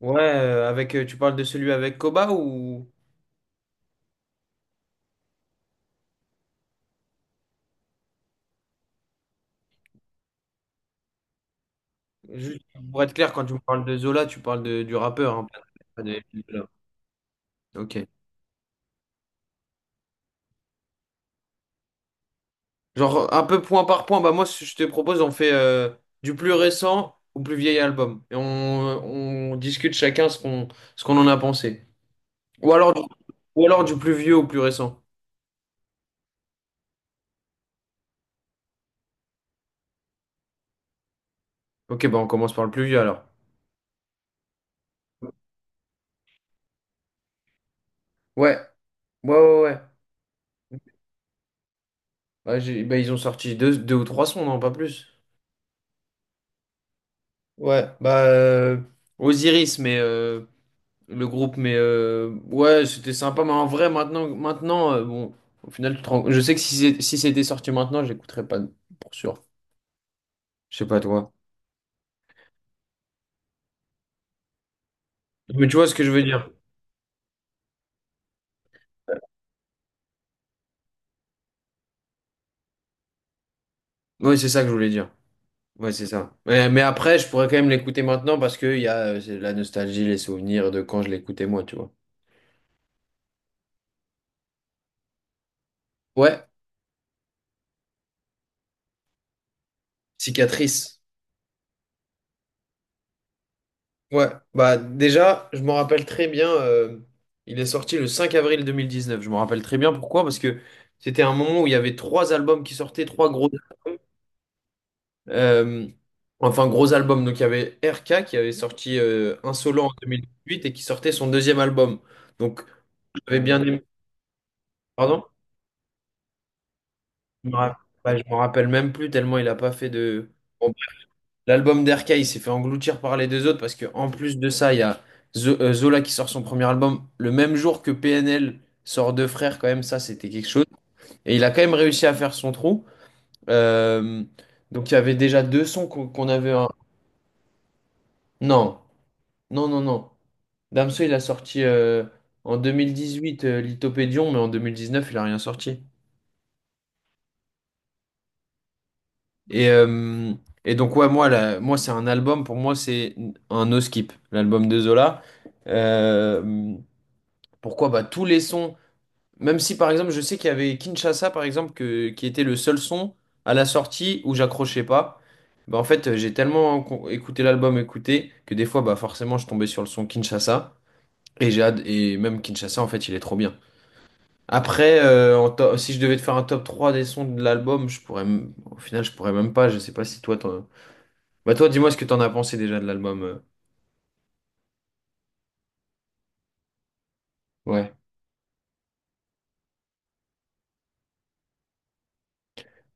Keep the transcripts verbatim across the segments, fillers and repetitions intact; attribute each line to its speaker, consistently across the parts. Speaker 1: Ouais, euh, avec, euh, tu parles de celui avec Koba ou juste pour être clair, quand tu me parles de Zola, tu parles de- du rappeur, hein, pas de pas de Zola. Ok. Genre un peu point par point. Bah moi, ce que je te propose, on fait euh, du plus récent au plus vieil album et on, on discute chacun ce qu'on ce qu'on en a pensé. Ou alors du, ou alors du plus vieux au plus récent. Ok, bah on commence par le plus vieux alors. Ouais, ouais, ouais, ouais. Bah, j'ai- bah, ils ont sorti deux, deux ou trois sons, non, pas plus. Ouais, bah euh, Osiris, mais euh, le groupe, mais euh, ouais, c'était sympa. Mais en vrai, maintenant, maintenant, euh, bon, au final, tu te rends- je sais que si c'est- si c'était sorti maintenant, j'écouterais pas pour sûr. Je sais pas toi. Mais tu vois ce que je veux dire? Ouais, c'est ça que je voulais dire. Ouais, c'est ça. Mais, mais après, je pourrais quand même l'écouter maintenant parce que il y a euh, c'est la nostalgie, les souvenirs de quand je l'écoutais moi, tu vois. Ouais, cicatrice. Ouais, bah déjà, je m'en rappelle très bien. euh, il est sorti le cinq avril deux mille dix-neuf. Je m'en rappelle très bien pourquoi, parce que c'était un moment où il y avait trois albums qui sortaient, trois gros albums. Euh, enfin, gros album. Donc, il y avait R K qui avait sorti euh, Insolent en deux mille huit et qui sortait son deuxième album. Donc, j'avais bien aimé. Pardon? Je me rapp- Bah, je m'en rappelle même plus tellement il a pas fait de. Bon, bref. L'album d'R K, il s'est fait engloutir par les deux autres parce que en plus de ça, il y a Zo- euh, Zola qui sort son premier album le même jour que P N L sort Deux Frères. Quand même, ça, c'était quelque chose. Et il a quand même réussi à faire son trou. Euh, donc, il y avait déjà deux sons qu'on qu'on avait. un- Non. Non, non, non. Damso, il a sorti euh, en deux mille dix-huit euh, Lithopédion, mais en deux mille dix-neuf il a rien sorti. Et, euh, et donc, ouais, moi, la- moi c'est un album, pour moi, c'est un no skip, l'album de Zola. Euh, Pourquoi? Bah, tous les sons, même si par exemple, je sais qu'il y avait Kinshasa, par exemple, que, qui était le seul son à la sortie où j'accrochais pas. Bah, en fait, j'ai tellement con- écouté l'album, écouté, que des fois, bah, forcément, je tombais sur le son Kinshasa. Et j'ai ad- et même Kinshasa, en fait, il est trop bien. Après, euh, en to- si je devais te faire un top trois des sons de l'album, je pourrais, m- au final, je pourrais même pas. Je sais pas si toi, t'en- bah toi, dis-moi ce que t'en as pensé déjà de l'album. euh. Ouais.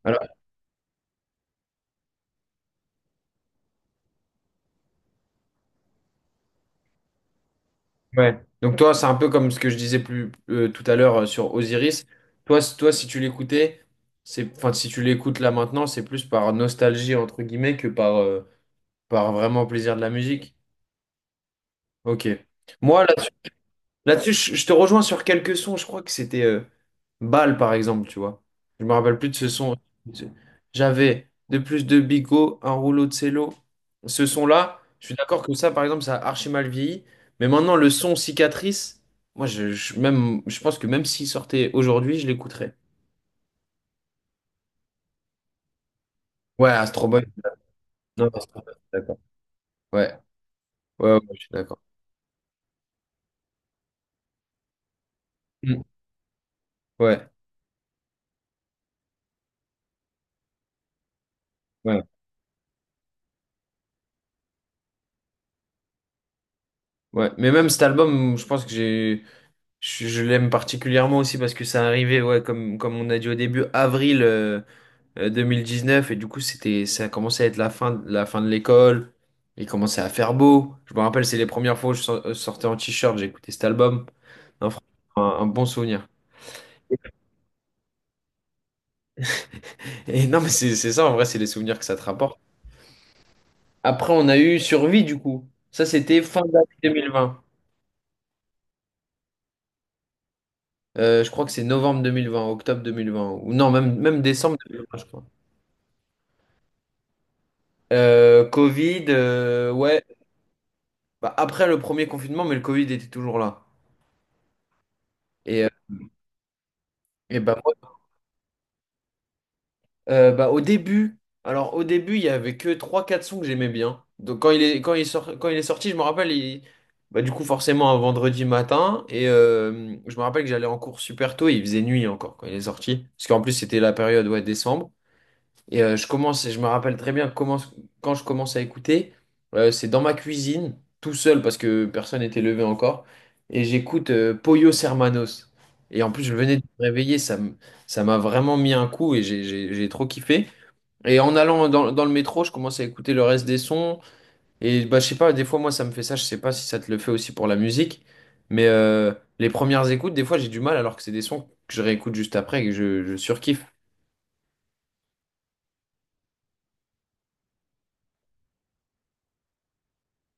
Speaker 1: Alors, ouais. Donc toi, c'est un peu comme ce que je disais plus euh, tout à l'heure euh, sur Osiris. Toi, c- toi, si tu l'écoutais, c'est, enfin, si tu l'écoutes là maintenant, c'est plus par nostalgie entre guillemets que par, euh, par vraiment plaisir de la musique. Ok. Moi, là-dessus, je, je te rejoins sur quelques sons. Je crois que c'était euh, Bal, par exemple, tu vois. Je me rappelle plus de ce son. J'avais de plus de bigot, un rouleau de cello. Ce son-là, je suis d'accord que ça, par exemple, ça a archi mal vieilli. Mais maintenant, le son cicatrice, moi, je, je- même, je pense que même s'il sortait aujourd'hui, je l'écouterais. Ouais, Astro Boy. Non, Astro Boy, d'accord. Ouais, ouais, ouais, je suis d'accord. Mm. Ouais, ouais, ouais. Mais même cet album, je pense que j'ai. Je, je l'aime particulièrement aussi parce que ça arrivait, ouais, comme, comme on a dit au début, avril euh, euh, deux mille dix-neuf, et du coup, c'était, ça commençait à être la fin, la fin de l'école, il commençait à faire beau. Je me rappelle, c'est les premières fois où je sor- euh, sortais en t-shirt, j'écoutais cet album. Non, franchement, un, un bon souvenir. Et non, mais c'est c'est ça, en vrai, c'est les souvenirs que ça te rapporte. Après, on a eu Survie, du coup. Ça, c'était fin d'année deux mille vingt. Euh, je crois que c'est novembre deux mille vingt, octobre deux mille vingt, ou non, même, même décembre deux mille vingt, je crois. Euh, Covid, euh, ouais. bah, après le premier confinement, mais le Covid était toujours là. Et, euh, et bah, moi, euh, bah, au début, alors au début, il y avait que trois quatre sons que j'aimais bien. Donc quand il est, quand il sort, quand il est sorti, je me rappelle, il- bah, du coup, forcément, un vendredi matin. Et euh, je me rappelle que j'allais en cours super tôt et il faisait nuit encore quand il est sorti. Parce qu'en plus, c'était la période, ouais, décembre. Et euh, je commence, je me rappelle très bien comment, quand je commence à écouter, euh, c'est dans ma cuisine, tout seul, parce que personne n'était levé encore, et j'écoute euh, Pollos Hermanos. Et en plus, je venais de me réveiller, ça m- ça m'a vraiment mis un coup et j'ai j'ai- j'ai trop kiffé. Et en allant dans, dans le métro, je commence à écouter le reste des sons. Et bah, je sais pas, des fois, moi, ça me fait ça, je sais pas si ça te le fait aussi pour la musique, mais euh, les premières écoutes, des fois, j'ai du mal, alors que c'est des sons que je réécoute juste après et que je, je surkiffe.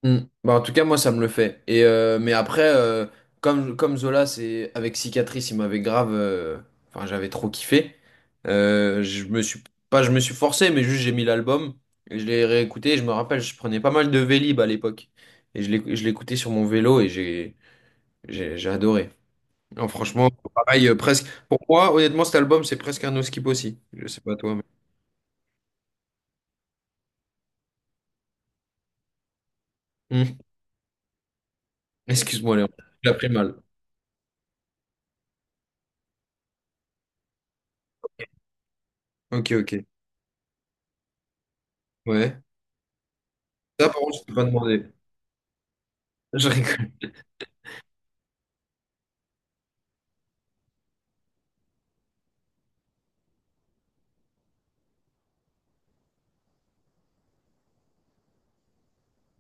Speaker 1: Mm. Bah, en tout cas, moi, ça me le fait. Et, euh, mais après, euh, comme, comme Zola, c'est avec Cicatrice, il m'avait grave. euh, Enfin, j'avais trop kiffé. Euh, je me suis pas, je me suis forcé, mais juste j'ai mis l'album et je l'ai réécouté. Et je me rappelle, je prenais pas mal de Vélib à l'époque et je l'ai- je l'écoutais sur mon vélo et j'ai, j'ai, j'ai adoré. Non, franchement, pareil, euh, presque. Pour moi, honnêtement, cet album, c'est presque un no skip aussi. Je sais pas toi, mais. Mm. Excuse-moi, Léon. J'ai appris mal. Ok, ok. Ouais. Ça, par contre, je peux pas demander. Je rigole.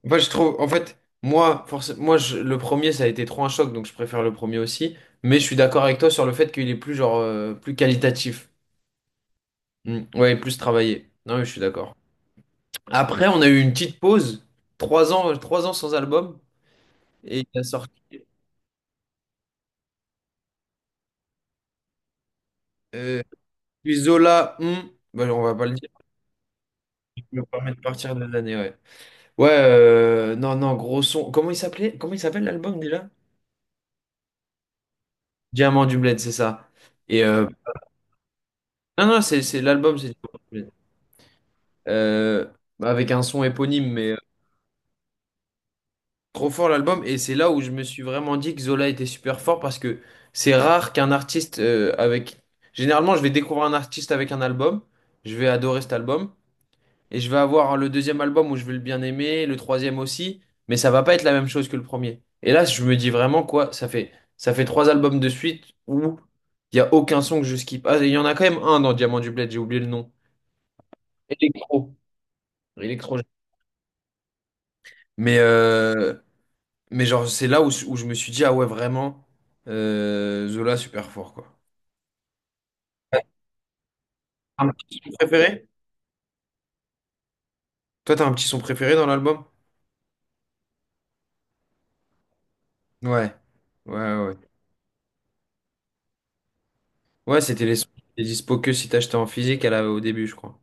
Speaker 1: Moi, je trouve, en fait, moi, forcé- moi je- le premier, ça a été trop un choc, donc je préfère le premier aussi. Mais je suis d'accord avec toi sur le fait qu'il est plus, genre, euh, plus qualitatif. Mm. Ouais, plus travaillé. Non, mais je suis d'accord. Après, on a eu une petite pause, trois ans, trois ans sans album, et il a sorti. Euh, Puis Zola, hmm, bah, on va pas le dire, je peux me permettre de partir de l'année, ouais. Ouais, euh, non, non, gros son. Comment il s'appelait? Comment il s'appelle l'album déjà? Diamant du Bled, c'est ça. Et euh, non, non, c'est c'est l'album, c'est. euh, Avec un son éponyme, mais euh, trop fort l'album. Et c'est là où je me suis vraiment dit que Zola était super fort parce que c'est rare qu'un artiste euh, avec. Généralement, je vais découvrir un artiste avec un album, je vais adorer cet album, et je vais avoir le deuxième album où je vais le bien aimer, le troisième aussi, mais ça va pas être la même chose que le premier. Et là, je me dis vraiment quoi, ça fait, ça fait trois albums de suite où il y a aucun son que je skip. Ah, il y en a quand même un dans Diamant du Bled, j'ai oublié le nom. Electro. Electro. Mais euh, Mais genre, c'est là où, où je me suis dit, ah ouais, vraiment, euh, Zola, super fort, quoi. Un petit son préféré? Toi, t'as un petit son préféré dans l'album? Ouais. Ouais, ouais. Ouais, c'était les sons qui étaient dispo que si t'achetais en physique à la- au début, je crois.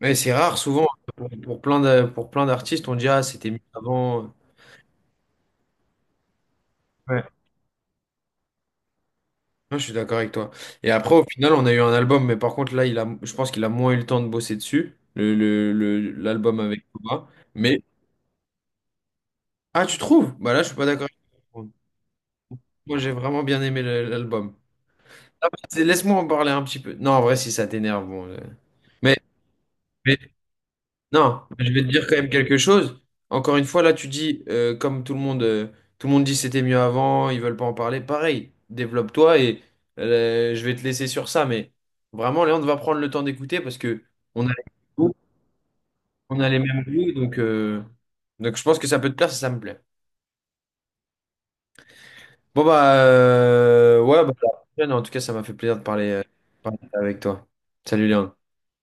Speaker 1: Mais c'est rare, souvent, pour, pour plein de, pour plein d'artistes, on dit, ah, c'était mieux avant. Ouais. Non, je suis d'accord avec toi. Et après, au final, on a eu un album, mais par contre, là, il a, je pense qu'il a moins eu le temps de bosser dessus, le, le- le- l'album avec Koba. Mais, ah, tu trouves? Bah là, je suis pas d'accord. Moi, j'ai vraiment bien aimé le- l'album. Ah, bah, c'est- Laisse-moi en parler un petit peu. Non, en vrai, si ça t'énerve, bon. euh, Mais, mais- non, mais je vais te dire quand même quelque chose. Encore une fois, là, tu dis, euh, comme tout le monde, euh, tout le monde dit c'était mieux avant, ils veulent pas en parler. Pareil, développe-toi et euh, je vais te laisser sur ça. Mais vraiment, Léon va prendre le temps d'écouter parce que on a les, mêmes goûts, on a les mêmes goûts, donc, euh, donc je pense que ça peut te plaire si ça me plaît. Bon bah euh, ouais bah, à la prochaine. En tout cas ça m'a fait plaisir de parler, euh, parler avec toi. Salut Léon.